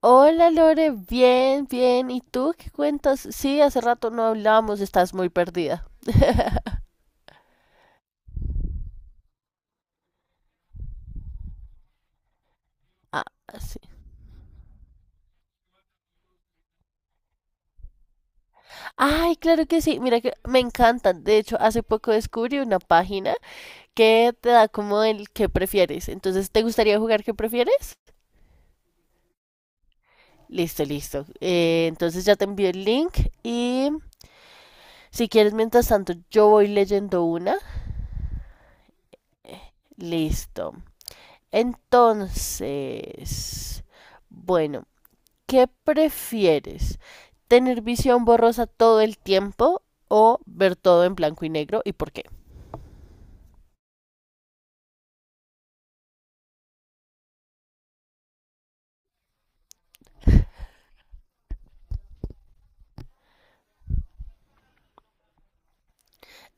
Hola Lore, bien, bien. ¿Y tú qué cuentas? Sí, hace rato no hablamos. Estás muy perdida. Ah, sí. Ay, claro que sí. Mira que me encantan. De hecho, hace poco descubrí una página que te da como el que prefieres. Entonces, ¿te gustaría jugar qué prefieres? Listo, listo. Entonces ya te envío el link y si quieres, mientras tanto, yo voy leyendo una. Listo. Entonces, bueno. ¿Qué prefieres? ¿Tener visión borrosa todo el tiempo o ver todo en blanco y negro y por qué?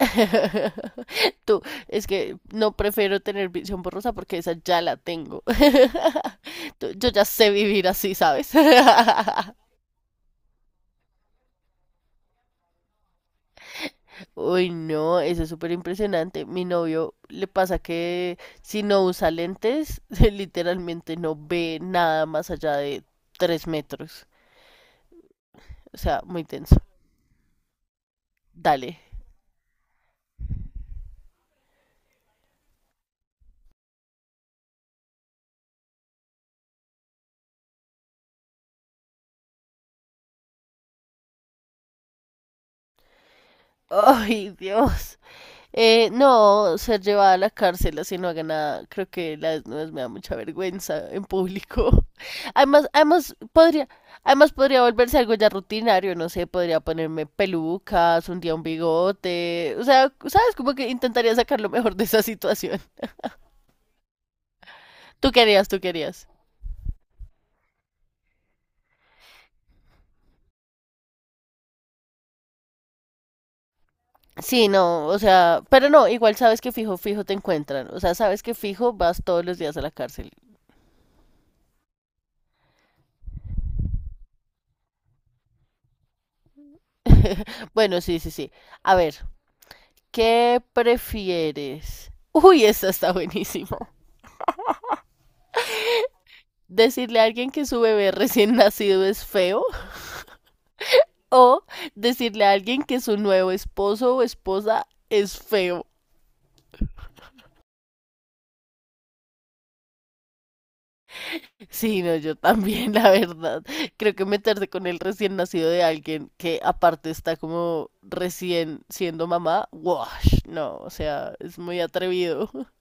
Tú, es que no prefiero tener visión borrosa porque esa ya la tengo. Yo ya sé vivir así, ¿sabes? Uy, no, eso es súper impresionante. Mi novio le pasa que si no usa lentes, literalmente no ve nada más allá de tres metros. O sea, muy tenso. Dale. Ay, Dios. No, ser llevada a la cárcel así no haga nada. Creo que la desnudez me da mucha vergüenza en público. Además, además podría volverse algo ya rutinario, no sé, podría ponerme pelucas, un día un bigote. O sea, sabes, como que intentaría sacar lo mejor de esa situación. Tú querías. Sí, no, o sea, pero no, igual sabes que fijo, fijo te encuentran. O sea, sabes que fijo vas todos los días a la cárcel. Bueno, sí, sí, sí. A ver, ¿qué prefieres? Uy, esta está buenísima. ¿Decirle a alguien que su bebé recién nacido es feo? ¿O decirle a alguien que su nuevo esposo o esposa es feo? Sí, no, yo también, la verdad. Creo que meterse con el recién nacido de alguien que aparte está como recién siendo mamá, wash, no, o sea, es muy atrevido.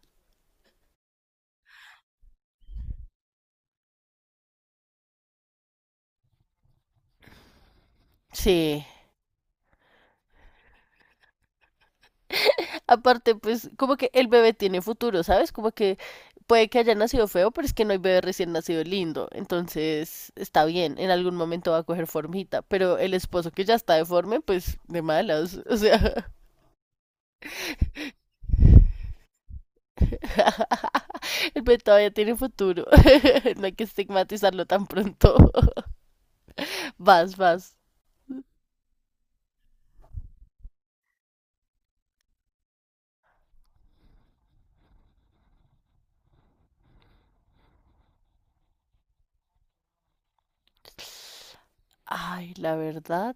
Sí, aparte, pues, como que el bebé tiene futuro, ¿sabes? Como que puede que haya nacido feo, pero es que no hay bebé recién nacido lindo. Entonces, está bien, en algún momento va a coger formita. Pero el esposo que ya está deforme, pues, de malas. O sea, el bebé todavía tiene futuro. No hay que estigmatizarlo tan pronto. Vas, vas. Ay, la verdad,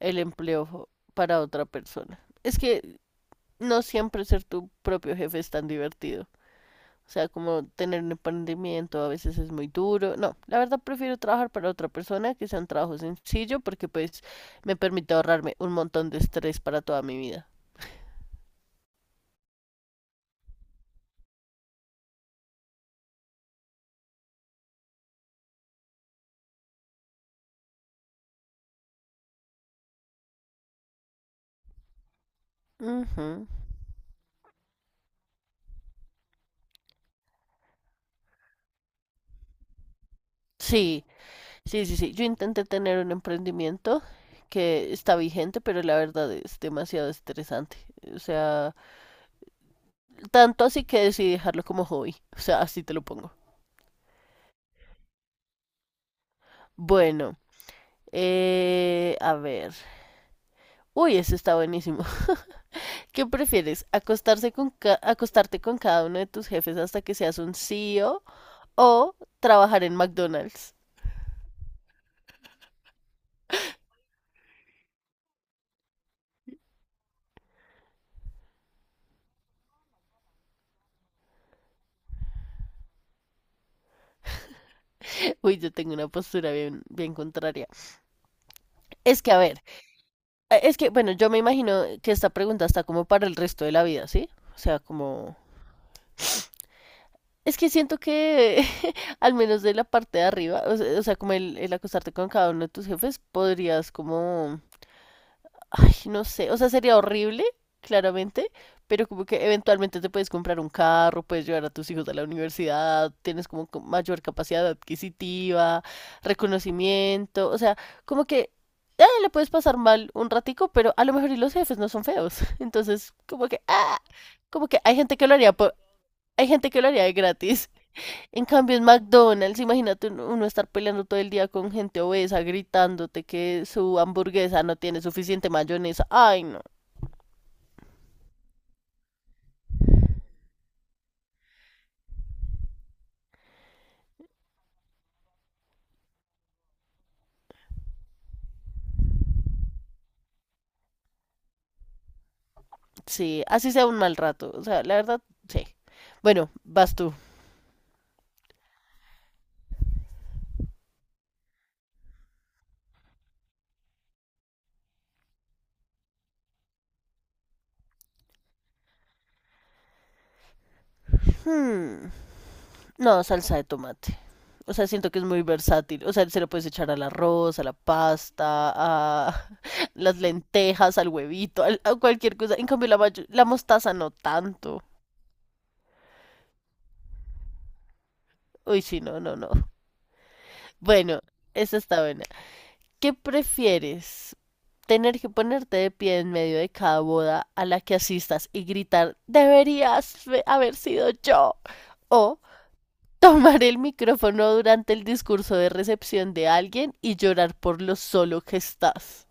el empleo para otra persona. Es que no siempre ser tu propio jefe es tan divertido. O sea, como tener un emprendimiento a veces es muy duro. No, la verdad prefiero trabajar para otra persona que sea un trabajo sencillo porque pues me permite ahorrarme un montón de estrés para toda mi vida. Ujú. Sí, sí, sí, sí. Yo intenté tener un emprendimiento que está vigente, pero la verdad es demasiado estresante. O sea, tanto así que decidí dejarlo como hobby. O sea, así te lo pongo. Bueno, a ver. Uy, ese está buenísimo. ¿Qué prefieres? ¿Acostarte con cada uno de tus jefes hasta que seas un CEO o trabajar en McDonald's? Uy, yo tengo una postura bien, bien contraria. Es que, a ver, es que, bueno, yo me imagino que esta pregunta está como para el resto de la vida, ¿sí? O sea, como... Es que siento que, al menos de la parte de arriba, o sea, como el acostarte con cada uno de tus jefes, podrías como ay, no sé, o sea, sería horrible, claramente, pero como que eventualmente te puedes comprar un carro, puedes llevar a tus hijos a la universidad, tienes como mayor capacidad adquisitiva, reconocimiento, o sea, como que ah, le puedes pasar mal un ratico, pero a lo mejor y los jefes no son feos. Entonces, como que, ah, como que hay gente que lo haría de gratis. En cambio, en McDonald's, imagínate uno estar peleando todo el día con gente obesa, gritándote que su hamburguesa no tiene suficiente mayonesa. Ay, no. Sí, así sea un mal rato. O sea, la verdad, sí. Bueno, vas tú. Hmm, no, salsa de tomate. O sea, siento que es muy versátil. O sea, se lo puedes echar al arroz, a la pasta, a las lentejas, al huevito, a cualquier cosa. En cambio, la mostaza no tanto. Uy, sí, no, no, no. Bueno, esa está buena. ¿Qué prefieres? ¿Tener que ponerte de pie en medio de cada boda a la que asistas y gritar, deberías haber sido yo? ¿O tomar el micrófono durante el discurso de recepción de alguien y llorar por lo solo que estás?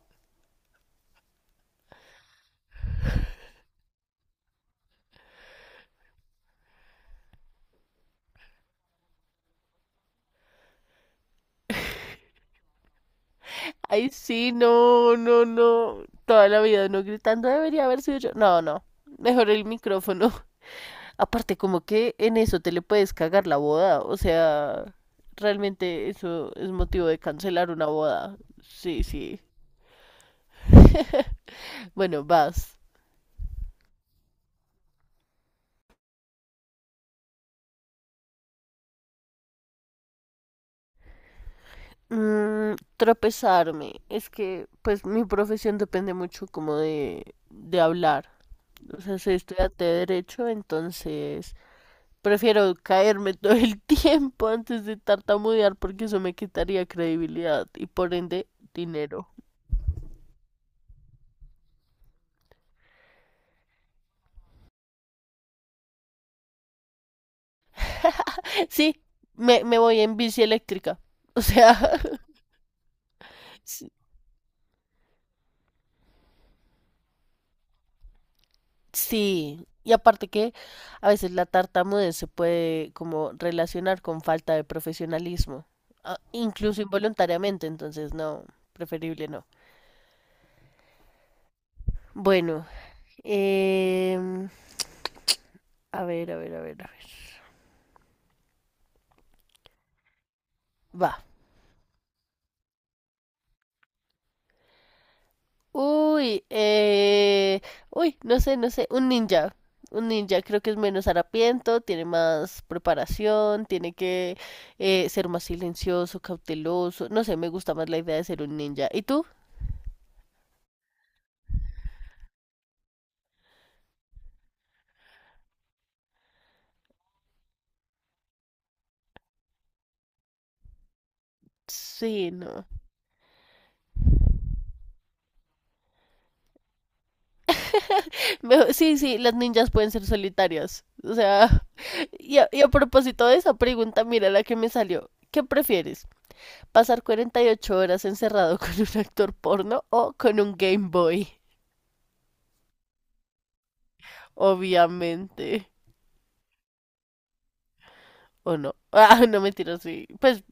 Ay, sí, no, no, no. Toda la vida no gritando, debería haber sido yo. No, no. Mejor el micrófono. Aparte, como que en eso te le puedes cagar la boda. O sea, realmente eso es motivo de cancelar una boda. Sí, sí. Bueno, vas. Mm, tropezarme. Es que, pues, mi profesión depende mucho como de hablar. O sea, soy estudiante de derecho, entonces prefiero caerme todo el tiempo antes de tartamudear porque eso me quitaría credibilidad y por ende dinero. Sí, me voy en bici eléctrica. O sea, sí, sí, y aparte que a veces la tartamudez se puede como relacionar con falta de profesionalismo, incluso involuntariamente, entonces no, preferible no. Bueno, em, a ver, a ver, a ver, a ver. Va. Uy, uy, no sé, no sé, un ninja. Un ninja creo que es menos harapiento, tiene más preparación, tiene que ser más silencioso, cauteloso. No sé, me gusta más la idea de ser un ninja. ¿Y tú? Sí, no. Sí, sí, las ninjas pueden ser solitarias. O sea, y y a propósito de esa pregunta, mira la que me salió. ¿Qué prefieres? ¿Pasar 48 horas encerrado con un actor porno o con un Game Boy? Obviamente. ¿O no? Ah, no mentira, sí. Pues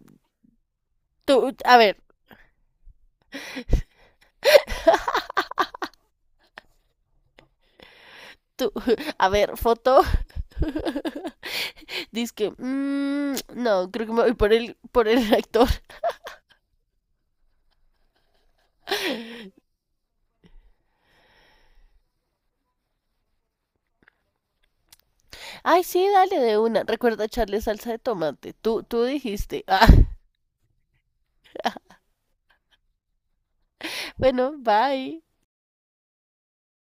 tú, a ver, tú, a ver, foto. Dice que, mm, no, creo que me voy por el actor. Ay, sí, dale de una. Recuerda echarle salsa de tomate. Tú dijiste. Bueno, bye.